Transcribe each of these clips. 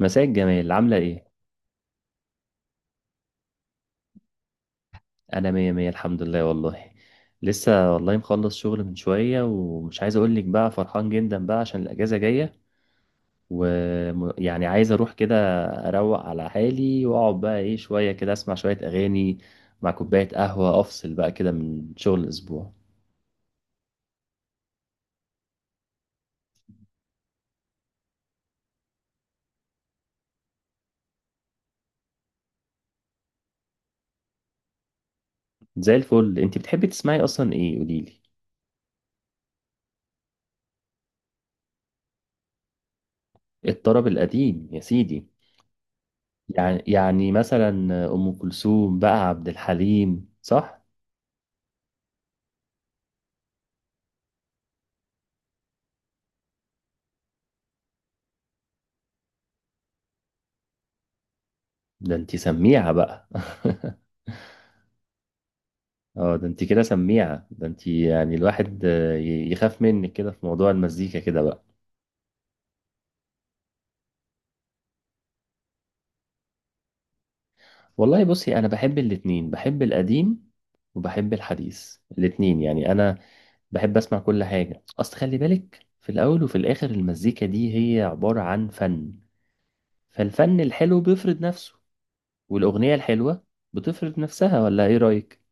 مساء الجمال، عاملة ايه؟ أنا مية مية الحمد لله والله. لسه والله مخلص شغل من شوية ومش عايز أقولك، بقى فرحان جدا بقى عشان الأجازة جاية، ويعني عايز أروح كده، أروق على حالي وأقعد بقى ايه شوية كده أسمع شوية أغاني مع كوباية قهوة، أفصل بقى كده من شغل الأسبوع. زي الفل. انت بتحبي تسمعي أصلا ايه، قوليلي؟ الطرب القديم يا سيدي. يعني مثلا، أم كلثوم بقى، عبد الحليم، صح؟ ده انت سميعة بقى. اه، ده انت كده سميعة، ده انت يعني الواحد يخاف منك كده في موضوع المزيكا كده بقى. والله بصي، انا بحب الاتنين، بحب القديم وبحب الحديث، الاتنين يعني. انا بحب اسمع كل حاجة، اصل خلي بالك، في الاول وفي الاخر المزيكا دي هي عبارة عن فن، فالفن الحلو بيفرض نفسه والاغنية الحلوة بتفرض نفسها. ولا ايه رأيك؟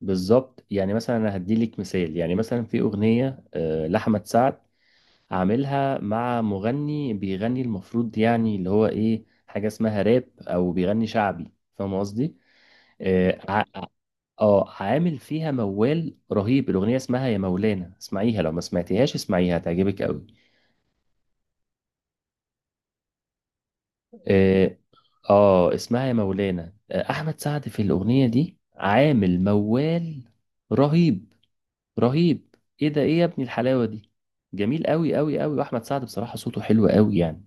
بالظبط. يعني مثلا انا هديلك مثال، يعني مثلا في اغنية لأحمد سعد، عاملها مع مغني بيغني المفروض يعني اللي هو ايه، حاجة اسمها راب او بيغني شعبي، فاهم قصدي؟ اه ع- عامل فيها موال رهيب. الاغنية اسمها يا مولانا، اسمعيها، لو ما سمعتيهاش اسمعيها هتعجبك قوي. اه. اسمها يا مولانا. احمد سعد في الاغنية دي عامل موال رهيب، رهيب. ايه ده، ايه يا ابني الحلاوة دي! جميل قوي قوي قوي. واحمد سعد بصراحة صوته حلو قوي يعني.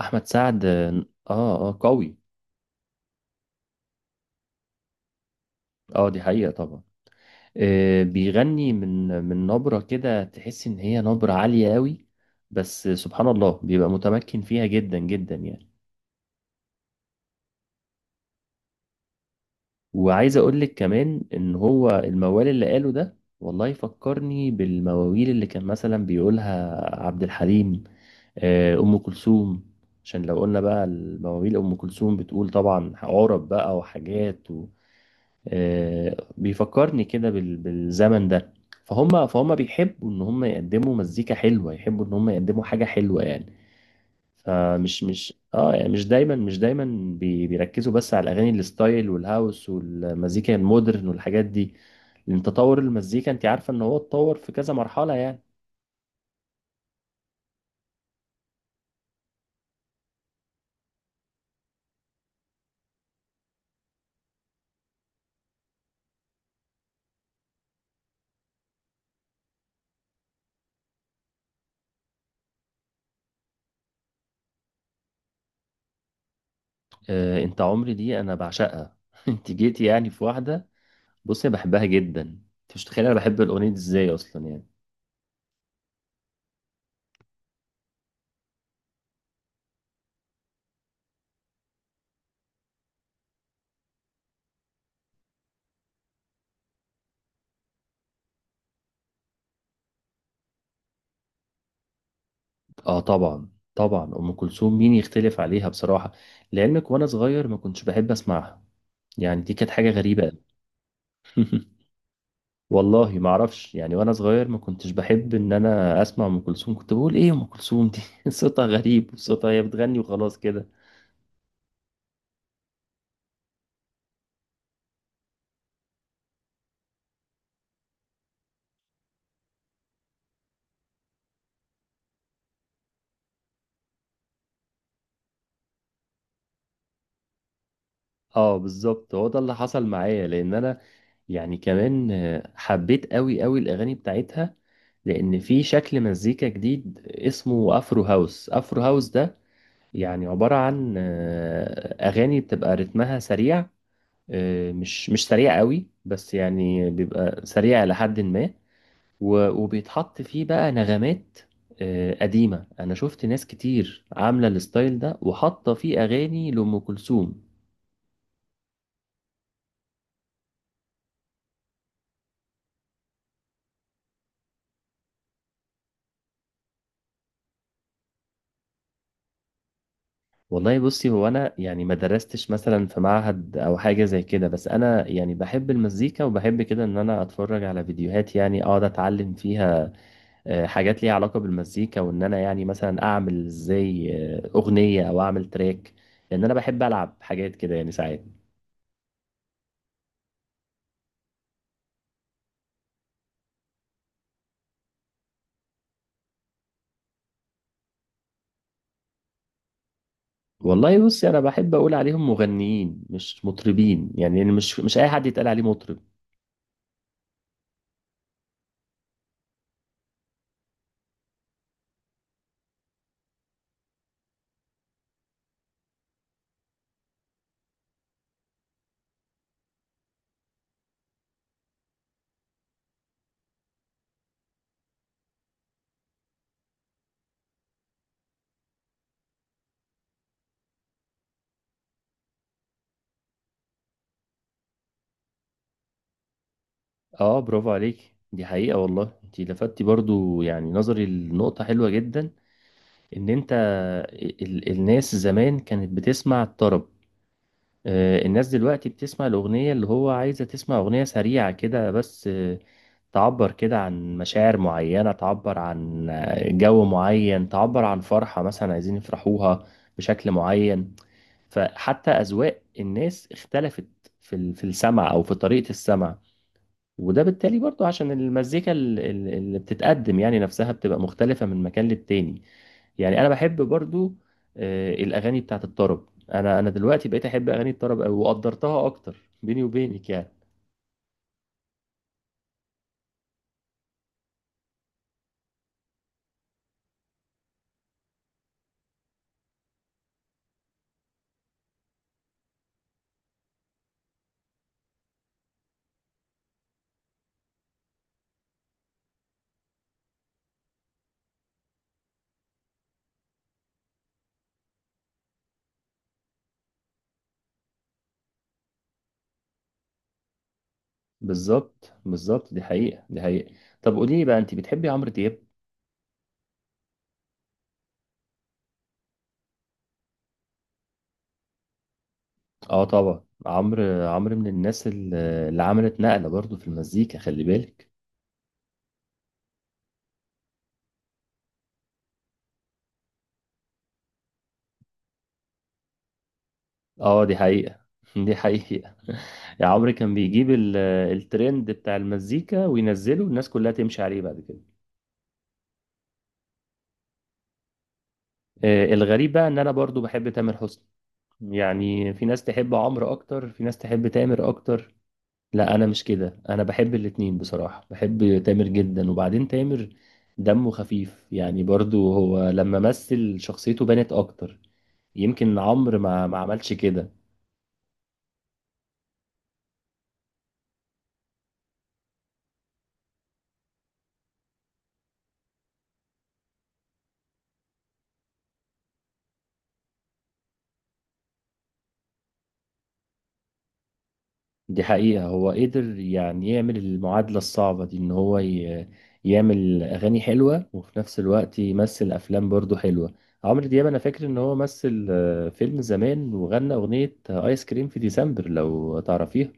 احمد سعد، اه. اه، قوي. اه دي حقيقة طبعا. بيغني من نبرة كده تحس ان هي نبرة عالية قوي، بس سبحان الله بيبقى متمكن فيها جدا جدا يعني. وعايز اقول لك كمان ان هو الموال اللي قاله ده، والله فكرني بالمواويل اللي كان مثلا بيقولها عبد الحليم، ام كلثوم. عشان لو قلنا بقى المواويل، ام كلثوم بتقول طبعا عرب بقى وحاجات بيفكرني كده بالزمن ده. فهم فهم بيحبوا ان هم يقدموا مزيكا حلوه، يحبوا ان هم يقدموا حاجه حلوه يعني. فمش مش اه يعني مش دايما، مش دايما بيركزوا بس على الاغاني الستايل والهاوس والمزيكا المودرن والحاجات دي، لان تطور المزيكا، انت عارفه ان هو اتطور في كذا مرحله يعني. انت عمري دي انا بعشقها. انت جيتي يعني في واحده! بصي، أنا بحبها جدا، انت مش متخيله انا بحب الاغنيه دي ازاي اصلا يعني. اه طبعا. طبعا ام كلثوم، مين يختلف عليها بصراحه. لعلمك وانا صغير ما كنتش بحب اسمعها، يعني دي كانت حاجه غريبه أوي. والله ما اعرفش يعني، وانا صغير ما كنتش بحب ان انا اسمع ام كلثوم، كنت بقول ايه ام كلثوم دي؟ صوتها غريب، صوتها هي بتغني وخلاص كده. اه بالظبط، هو ده اللي حصل معايا، لان انا يعني كمان حبيت قوي قوي الاغاني بتاعتها، لان في شكل مزيكا جديد اسمه افرو هاوس. افرو هاوس ده يعني عبارة عن أغاني بتبقى رتمها سريع. مش سريع قوي بس يعني، بيبقى سريع لحد ما وبيتحط فيه بقى نغمات قديمة. أنا شفت ناس كتير عاملة الستايل ده وحاطة فيه أغاني لأم كلثوم. والله بصي، هو أنا يعني ما درستش مثلا في معهد أو حاجة زي كده، بس أنا يعني بحب المزيكا وبحب كده إن أنا أتفرج على فيديوهات يعني، أقعد أتعلم فيها حاجات ليها علاقة بالمزيكا، وان انا يعني مثلا اعمل زي اغنية او اعمل تراك، لان انا بحب العب حاجات كده يعني ساعات. والله بصي، انا بحب اقول عليهم مغنيين مش مطربين يعني. يعني مش اي حد يتقال عليه مطرب. اه برافو عليك. دي حقيقة، والله انت لفتي برضو يعني نظري لنقطة حلوة جدا. ان انت ال الناس زمان كانت بتسمع الطرب، الناس دلوقتي بتسمع الأغنية اللي هو عايزة، تسمع أغنية سريعة كده بس، تعبر كده عن مشاعر معينة، تعبر عن جو معين، تعبر عن فرحة مثلا عايزين يفرحوها بشكل معين. فحتى أذواق الناس اختلفت في في السمع أو في طريقة السمع. وده بالتالي برضو عشان المزيكا اللي بتتقدم يعني نفسها بتبقى مختلفة من مكان للتاني يعني. أنا بحب برضو الأغاني بتاعت الطرب. أنا دلوقتي بقيت أحب أغاني الطرب أوي وقدرتها أكتر، بيني وبينك يعني. بالظبط بالظبط، دي حقيقة دي حقيقة. طب قولي لي بقى، انت بتحبي عمرو دياب؟ اه طبعا، عمرو عمرو من الناس اللي عملت نقلة برضو في المزيكا، خلي بالك. اه دي حقيقة. دي حقيقة. يا عمرو كان بيجيب الترند بتاع المزيكا وينزله، والناس كلها تمشي عليه بعد كده. الغريب بقى ان انا برضو بحب تامر حسني. يعني في ناس تحب عمرو اكتر، في ناس تحب تامر اكتر. لا انا مش كده، انا بحب الاتنين بصراحة، بحب تامر جدا. وبعدين تامر دمه خفيف يعني، برضو هو لما مثل شخصيته بانت اكتر، يمكن عمرو ما عملش كده. دي حقيقة، هو قدر يعني يعمل المعادلة الصعبة دي، ان هو يعمل اغاني حلوة وفي نفس الوقت يمثل افلام برضو حلوة. عمرو دياب انا فاكر ان هو مثل فيلم زمان وغنى اغنية ايس كريم في ديسمبر، لو تعرفيها.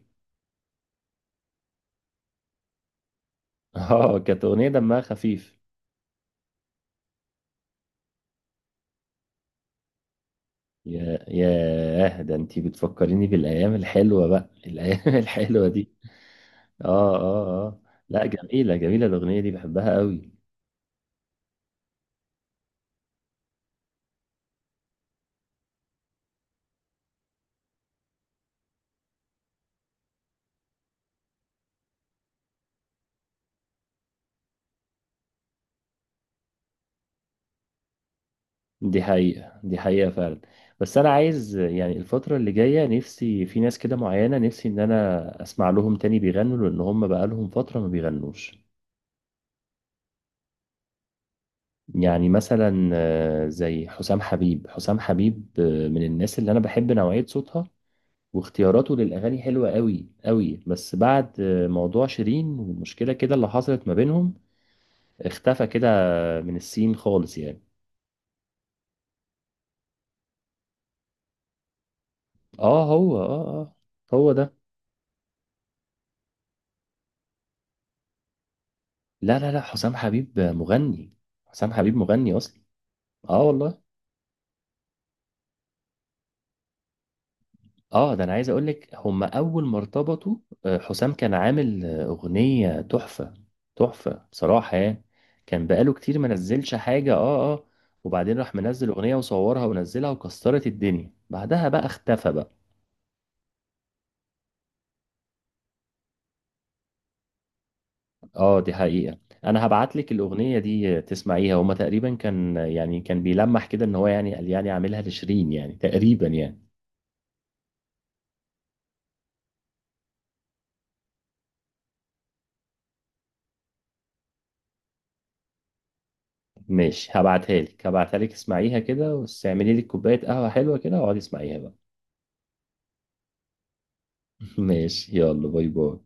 اه كانت اغنية دمها خفيف. ياه ده انتي بتفكريني بالايام الحلوه بقى، الايام الحلوه دي. اه اه اه. لا، جميله جميله الاغنيه دي، بحبها قوي. دي حقيقه دي حقيقه فعلا. بس انا عايز يعني الفتره اللي جايه، نفسي في ناس كده معينه، نفسي ان انا اسمع لهم تاني بيغنوا، لان هم بقى لهم فتره ما بيغنوش. يعني مثلا زي حسام حبيب. حسام حبيب من الناس اللي انا بحب نوعيه صوتها واختياراته للاغاني حلوه قوي قوي. بس بعد موضوع شيرين والمشكله كده اللي حصلت ما بينهم، اختفى كده من السين خالص يعني. اه هو، اه اه، هو ده. لا لا لا، حسام حبيب مغني. حسام حبيب مغني اصلا. اه والله. اه، ده انا عايز اقول لك، هم اول ما ارتبطوا حسام كان عامل اغنيه تحفه، تحفه بصراحه يعني. كان بقاله كتير ما نزلش حاجه. اه اه. وبعدين راح منزل اغنيه وصورها ونزلها وكسرت الدنيا، بعدها بقى اختفى بقى. اه دي حقيقه. انا هبعت لك الاغنيه دي تسمعيها. هما تقريبا كان يعني كان بيلمح كده ان هو يعني، قال يعني عاملها لشيرين يعني تقريبا يعني. ماشي، هبعتها لك هبعتها لك، اسمعيها كده، واستعملي لك كوبايه قهوه حلوه كده واقعدي اسمعيها بقى. ماشي يلا، باي باي.